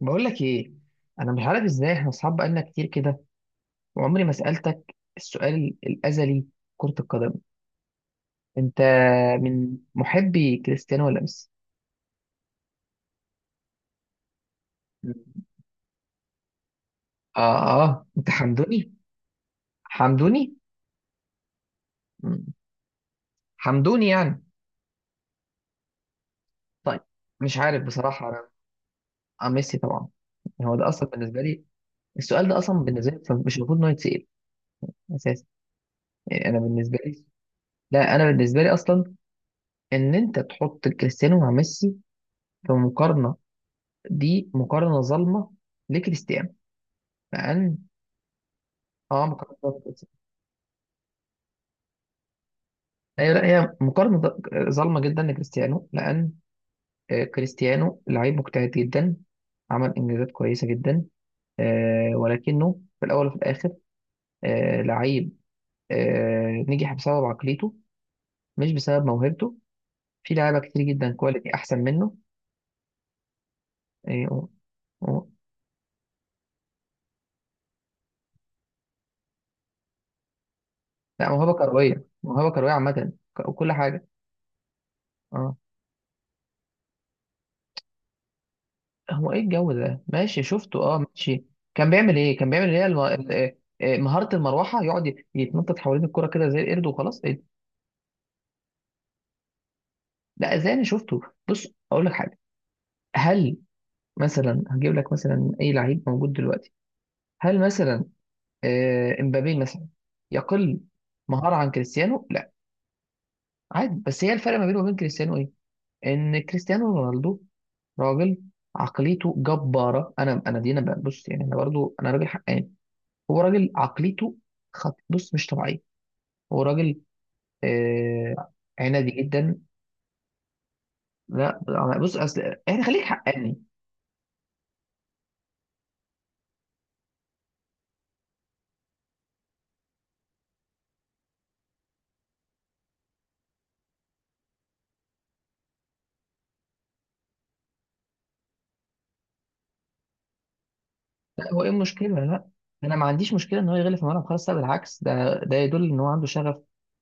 بقول لك ايه، انا مش عارف ازاي احنا اصحاب بقالنا كتير كده وعمري ما سالتك السؤال الازلي. كرة القدم، انت من محبي كريستيانو ولا ميسي؟ مم. اه اه انت حمدوني. حمدوني مم. حمدوني يعني. طيب، مش عارف بصراحه انا. اه ميسي طبعا. هو ده اصلا بالنسبه لي السؤال ده اصلا بالنسبه لي مش المفروض انه يتسال اساسا. يعني انا بالنسبه لي لا انا بالنسبه لي اصلا ان انت تحط كريستيانو مع ميسي في مقارنه، دي مقارنة ظالمة لكريستيانو، لأن اه مقارنة ظالمة لكريستيانو. ايوه، لا هي مقارنة ظالمة جدا لكريستيانو، لأن كريستيانو لعيب مجتهد جدا، عمل إنجازات كويسة جدا. ولكنه في الأول وفي الآخر لعيب نجح بسبب عقليته مش بسبب موهبته. في لعيبة كتير جدا كواليتي أحسن منه. آه، و- و- لا، موهبة كروية، موهبة كروية عامة وكل حاجة. اه، هو ايه الجو ده؟ ماشي، شفته، اه ماشي. كان بيعمل ايه؟ كان بيعمل ايه الم... ال- آه، آه، مهارة المروحة يقعد يتنطط حوالين الكرة كده زي القرد وخلاص، إيه؟ لا، انا شفته. بص اقول لك حاجة، هل مثلا هجيب لك مثلا اي لعيب موجود دلوقتي؟ هل مثلا امبابي مثلا يقل مهارة عن كريستيانو؟ لا، عادي. بس هي الفرق ما بينه وبين كريستيانو ايه؟ ان كريستيانو رونالدو راجل عقليته جبارة. انا دي بص يعني انا برضو انا راجل حقاني. هو راجل عقليته بص مش طبيعيه، هو راجل. آه... عنادي جدا. لا أنا- بص اصل يعني خليك حقاني. لا، هو ايه المشكله؟ لا انا ما عنديش مشكله ان هو يغلف في الملعب خالص. لا بالعكس، ده يدل ان هو عنده شغف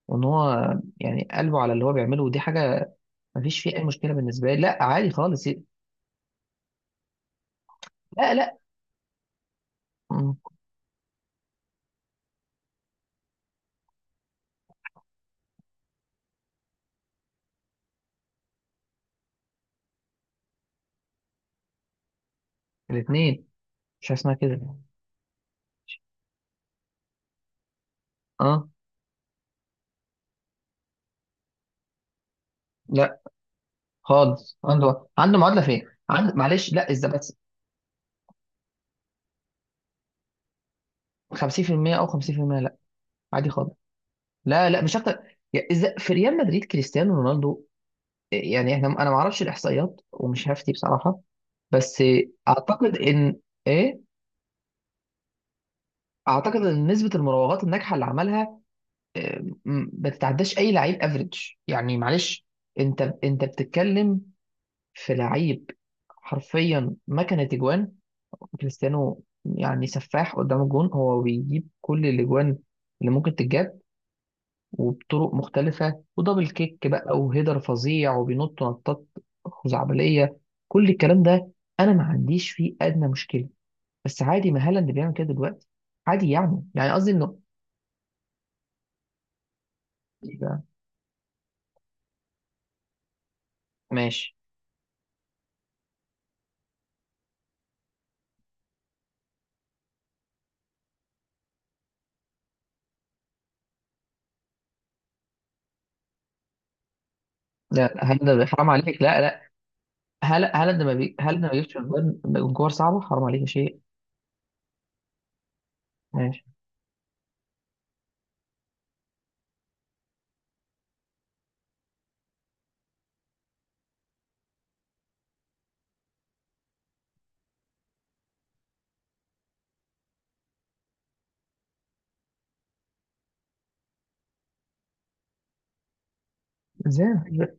وان هو يعني قلبه على اللي هو بيعمله، ودي حاجه ما فيش فيها اي مشكله بالنسبه لي. لا عادي خالص. لا لا مم. الاثنين. مش حاجة اسمها كده. اه. لا خالص، عنده معادله فين؟ عنده معلش، لا اذا بس 50% او 50%. لا عادي خالص. لا مش اكتر. يعني اذا في ريال مدريد كريستيانو رونالدو، يعني انا ما اعرفش الاحصائيات ومش هفتي بصراحه، بس اعتقد ان، ايه، اعتقد ان نسبه المراوغات الناجحه اللي عملها آه، ما تتعداش اي لعيب افريج. يعني معلش، انت بتتكلم في لعيب حرفيا مكنه اجوان. كريستيانو يعني سفاح قدام الجون، هو بيجيب كل الاجوان اللي ممكن تتجاب، وبطرق مختلفة، ودبل كيك بقى وهيدر فظيع وبينط نطات خزعبلية. كل الكلام ده أنا ما عنديش فيه أدنى مشكلة، بس عادي ما هالاند بيعمل كده دلوقتي، عادي. يعني يعني قصدي إنه، ماشي. لا هالاند حرام عليك. لا لا هالا- هالاند ما بي... هالاند ما بيجيبش أجوان من كور صعبة، حرام عليك يا شيخ. ماشي. ازاي ما فيش بقى؟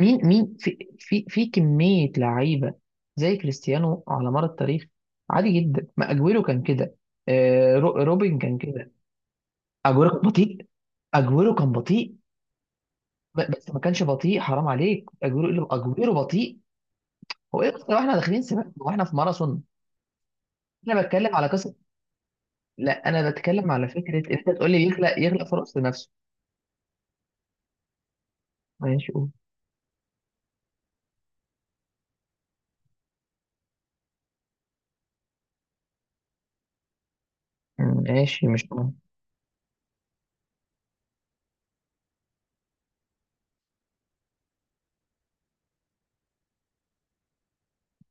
مين في كمية لعيبة زي كريستيانو على مر التاريخ، عادي جدا. ما أجويرو كان كده، روبن كان كده. اجويرو كان بطيء، اجويرو كان بطيء. بس ما كانش بطيء حرام عليك، اجويرو اللي اجويرو بطيء؟ هو ايه اصلا، احنا داخلين سباق واحنا في ماراثون؟ انا بتكلم على قصه. لا انا بتكلم على فكره ان انت تقول لي يخلق، يخلق فرص لنفسه. ماشي قول. ماشي مش قول.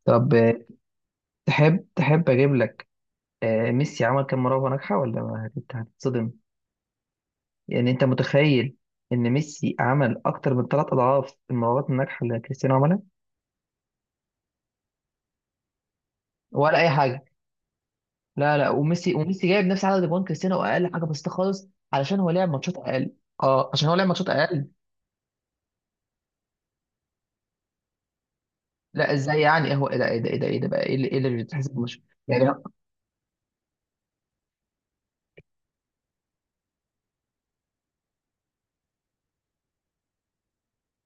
طب تحب تحب اجيب لك ميسي عمل كام مراوغه ناجحه؟ ولا ما هت- هتتصدم. يعني انت متخيل ان ميسي عمل اكتر من ثلاث اضعاف المراوغات الناجحه اللي كريستيانو عملها؟ ولا اي حاجه. لا وميسي جايب نفس عدد جوان كريستيانو، واقل حاجه بسيطه خالص علشان هو لعب ماتشات اقل. اه عشان هو لعب ماتشات اقل. لا ازاي؟ يعني إيه؟ هو ايه ده ايه ده ايه ده إيه ده بقى ايه اللي إيه اللي بيتحسب؟ مش يعني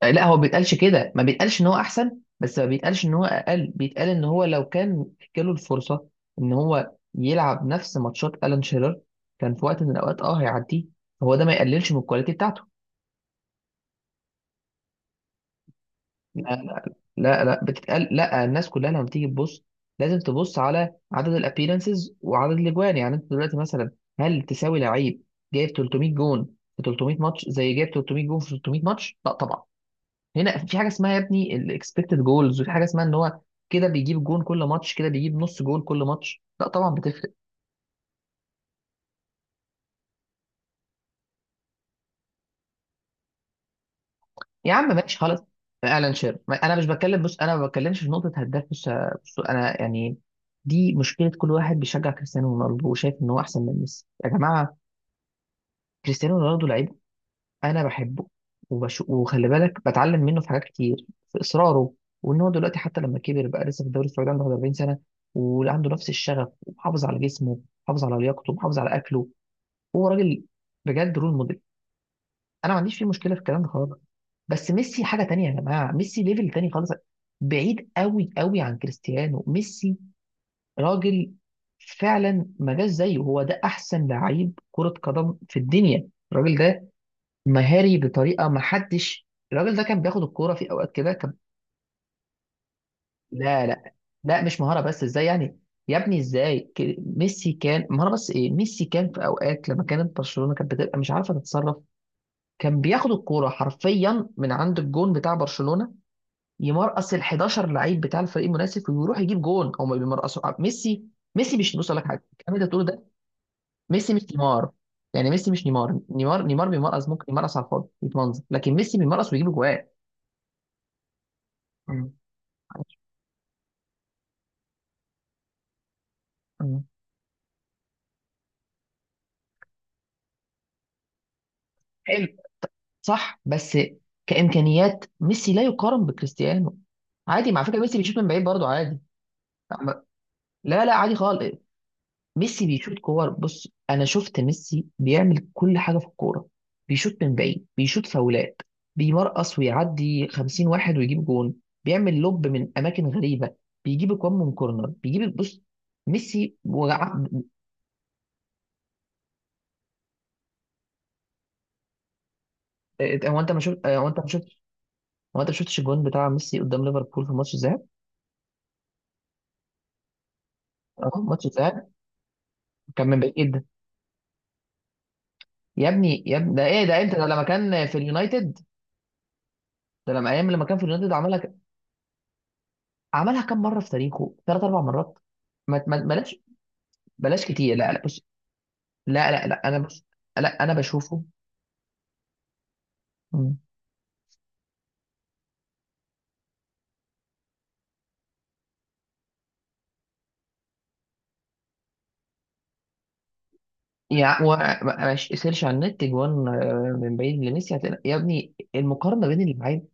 لا، هو ما بيتقالش كده، ما بيتقالش ان هو احسن، بس ما بيتقالش ان هو اقل. بيتقال ان هو لو كان جاله الفرصه ان هو يلعب نفس ماتشات الان شيرر كان في وقت من الاوقات اه هيعديه، فهو ده ما يقللش من الكواليتي بتاعته. لا لا لا بتتقال، لا الناس كلها لما بتيجي تبص لازم تبص على عدد الابيرنسز وعدد الاجوان. يعني انت دلوقتي مثلا، هل تساوي لعيب جايب 300 جون في 300 ماتش زي جايب 300 جون في 300 ماتش؟ لا طبعا. هنا في حاجه اسمها يا ابني الاكسبكتد جولز، وفي حاجه اسمها ان هو كده بيجيب جون كل ماتش، كده بيجيب نص جون كل ماتش. لا طبعا. يا عم ماشي خلاص. اعلن شير ما- انا مش بتكلم، بص انا ما بتكلمش في نقطه هداف. بص بص، انا يعني دي مشكله كل واحد بيشجع كريستيانو رونالدو وشايف ان هو احسن من ميسي. يا جماعه كريستيانو رونالدو لعيب، انا بحبه وخلي بالك بتعلم منه في حاجات كتير، في اصراره، وان هو دلوقتي حتى لما كبر بقى لسه في الدوري السعودي، عنده 40 سنه وعنده نفس الشغف، ومحافظ على جسمه، محافظ على لياقته، محافظ على اكله. هو راجل بجد رول موديل، انا ما عنديش فيه مشكله في الكلام ده خالص. بس ميسي حاجه تانية يا جماعه، ميسي ليفل تاني خالص، بعيد قوي قوي عن كريستيانو. ميسي راجل فعلا ما جاش زيه، هو ده احسن لعيب كره قدم في الدنيا الراجل ده، مهاري بطريقه ما حدش. الراجل ده كان بياخد الكوره في اوقات كده كان. لا لا مش مهاره بس، ازاي يعني؟ يا ابني ازاي ميسي كان مهاره بس؟ ايه، ميسي كان في اوقات لما كانت برشلونه كانت بتبقى مش عارفه تتصرف، كان بياخد الكوره حرفيا من عند الجون بتاع برشلونه، يمرقص ال 11 لعيب بتاع الفريق المنافس ويروح يجيب جون، او ما بيمرقصوا. ميسي، ميسي مش، بص أقول لك حاجه، الكلام اللي أنت بتقوله ده، ميسي مش نيمار. يعني ميسي مش نيمار، نيمار بيمرقص ممكن يمرقص على الفاضي يتمنظر، لكن ميسي بيمرقص ويجيب جوان. مم. مم. حلو. صح، بس كامكانيات ميسي لا يقارن بكريستيانو. عادي، مع فكره ميسي بيشوط من بعيد برضه عادي. لا عادي خالص. ميسي بيشوط كور، بص انا شفت ميسي بيعمل كل حاجه في الكوره، بيشوط من بعيد، بيشوط فاولات، بيمرقص ويعدي 50 واحد ويجيب جون، بيعمل لوب من اماكن غريبه، بيجيب اجوان من كورنر، بيجيب، بص ميسي وقع. إيه، هو انت ما شفت آه، هو انت ما شفتش، هو انت ما شفتش الجون بتاع ميسي قدام ليفربول في ماتش الذهاب؟ اه ماتش الذهاب، كان من بعيد جدا. يا ابني يا ابني ده ايه ده؟ امتى ده؟ لما كان في اليونايتد؟ ده لما ايام لما كان في اليونايتد عملها. عملها كام مره في تاريخه؟ ثلاث اربع مرات. ما ما ما بلاش كتير. لا لا بص، لا لا لا انا بص، لا انا بشوفه. مم. يعني ماشي، سيرش على النت جوان من بعيد لميسي، هتلاقي يا ابني المقارنه بين اللعيب.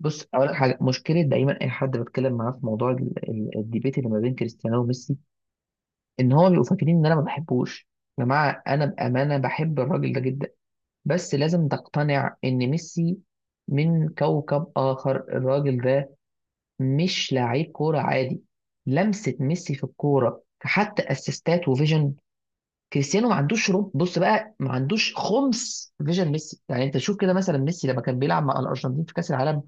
بص اقول لك حاجه، مشكله دايما اي حد بتكلم معاه في موضوع الديبيت اللي ما بين كريستيانو وميسي، ان هو بيبقوا فاكرين ان انا ما بحبوش. يا جماعه انا بامانه بحب الراجل ده جدا، بس لازم تقتنع ان ميسي من كوكب اخر. الراجل ده مش لعيب كورة عادي، لمسة ميسي في الكورة حتى، اسيستات وفيجن. كريستيانو ما عندوش رب، بص بقى، ما عندوش خمس فيجن ميسي. يعني انت شوف كده مثلا، ميسي لما كان بيلعب مع الارجنتين في كاس العالم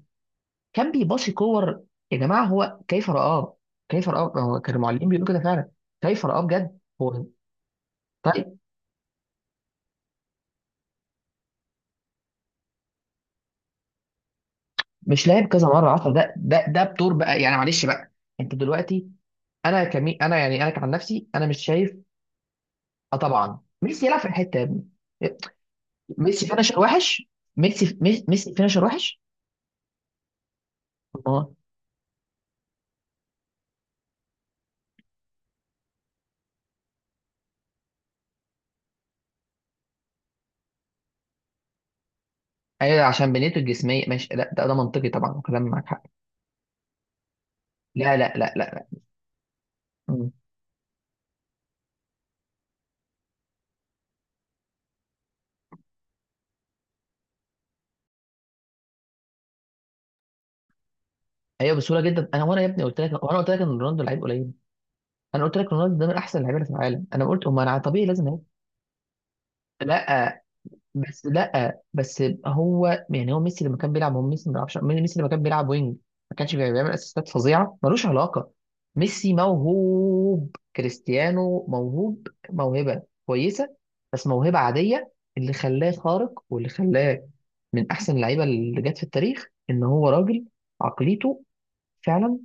كان بيباصي كور، يا جماعة هو كيف رآه، كيف رآه، هو كان المعلمين بيقولوا كده فعلا كيف رآه بجد هو. طيب، مش لاعب كذا مرة عشرة ده، ده بطور بقى يعني معلش بقى، انت دلوقتي، انا كعن نفسي انا مش شايف. اه طبعا ميسي يلعب في الحتة يا ابني، ميسي فينشر وحش. ميسي ميسي فينشر وحش. الله. ايوه عشان بنيته الجسميه ماشي، لا ده منطقي طبعا، كلام معاك حق. لا لا لا لا لا. مم. ايوه بسهوله جدا. انا يا ابني قلت لك، وانا قلت لك ان رونالدو لعيب قليل، انا قلت لك رونالدو ده من احسن اللعيبه اللي في العالم. انا قلت امال، انا طبيعي لازم هيك. لا لا بس هو يعني، هو ميسي لما كان بيلعب، هو ميسي ما بيلعبش، ميسي لما كان بيلعب وينج ما كانش بيعمل اسيستات فظيعه ملوش علاقه. ميسي موهوب، كريستيانو موهوب موهبه كويسه بس موهبه عاديه. اللي خلاه خارق واللي خلاه من احسن اللعيبه اللي جت في التاريخ ان هو راجل عقليته فعلا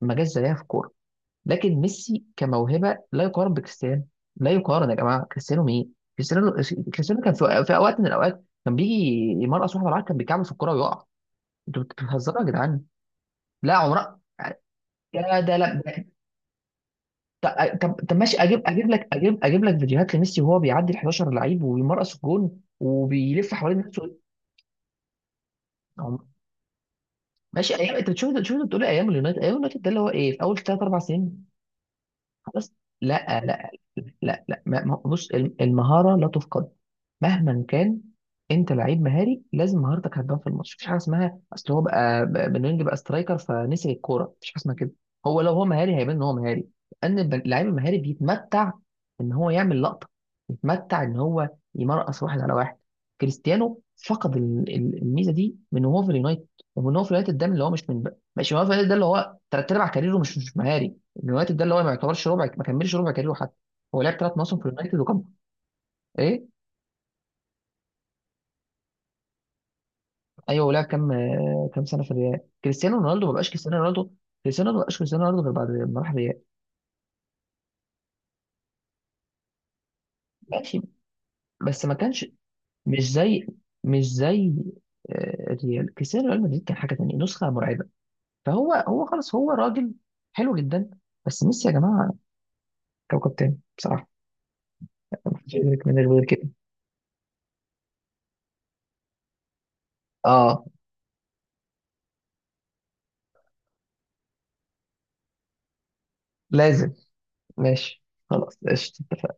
ما جاش زيها في الكوره. لكن ميسي كموهبه لا يقارن بكريستيانو، لا يقارن يا جماعه. كريستيانو مين كريستيانو؟ كريستيانو كان في اوقات من الاوقات كان بيجي يمرقص واحد بالعكس كان بيكعبل في الكوره ويقع. انتوا بتهزروا يا جدعان. لا عمرها. يا ده لا ده- طب طب ماشي، اجيب لك فيديوهات لميسي وهو بيعدي ال 11 لعيب ويمرقص الجون وبيلف حوالين نفسه. عم- ماشي ايام، انت بتشوف، شوف انت بتقول إيه؟ ايام اليونايتد، ايام اليونايتد ده اللي هو ايه، في اول ثلاث اربع سنين. خلاص. لا لا لا لا لا. بص المهاره لا تفقد مهما كان، انت لعيب مهاري لازم مهارتك هتبان في الماتش. مفيش حاجه اسمها اصل هو بقى بنينج بقى سترايكر فنسي الكوره، مفيش حاجه اسمها كده. هو لو هو مهاري هيبان ان هو مهاري، لان اللعيب المهاري بيتمتع ان هو يعمل لقطه، بيتمتع ان هو يمرقص واحد على واحد. كريستيانو فقد الميزه دي من وهو في اليونايتد، ومن وهو في اليونايتد ده من اللي هو مش من بقى مش من هو في اليونايتد ده اللي هو تلات ارباع كاريره مش مهاري. اليونايتد ده اللي هو ما يعتبرش ربع، ما كملش ربع كاريره حتى. هو لعب ثلاث مواسم في اليونايتد وكم، ايه، ايوه. ولعب كام كام سنه في الريال؟ كريستيانو رونالدو ما بقاش كريستيانو رونالدو، كريستيانو رونالدو ما بقاش كريستيانو رونالدو غير بعد ما راح الريال. ماشي بس ما كانش، مش زي، مش زي الريال. كريستيانو ريال مدريد كان حاجه تانية، نسخه مرعبه. فهو، هو خلاص هو راجل حلو جدا، بس ميسي يا جماعه كوكب تاني بصراحه، ما حدش يدرك منه غير كده. اه لازم، ماشي، خلاص قشطة.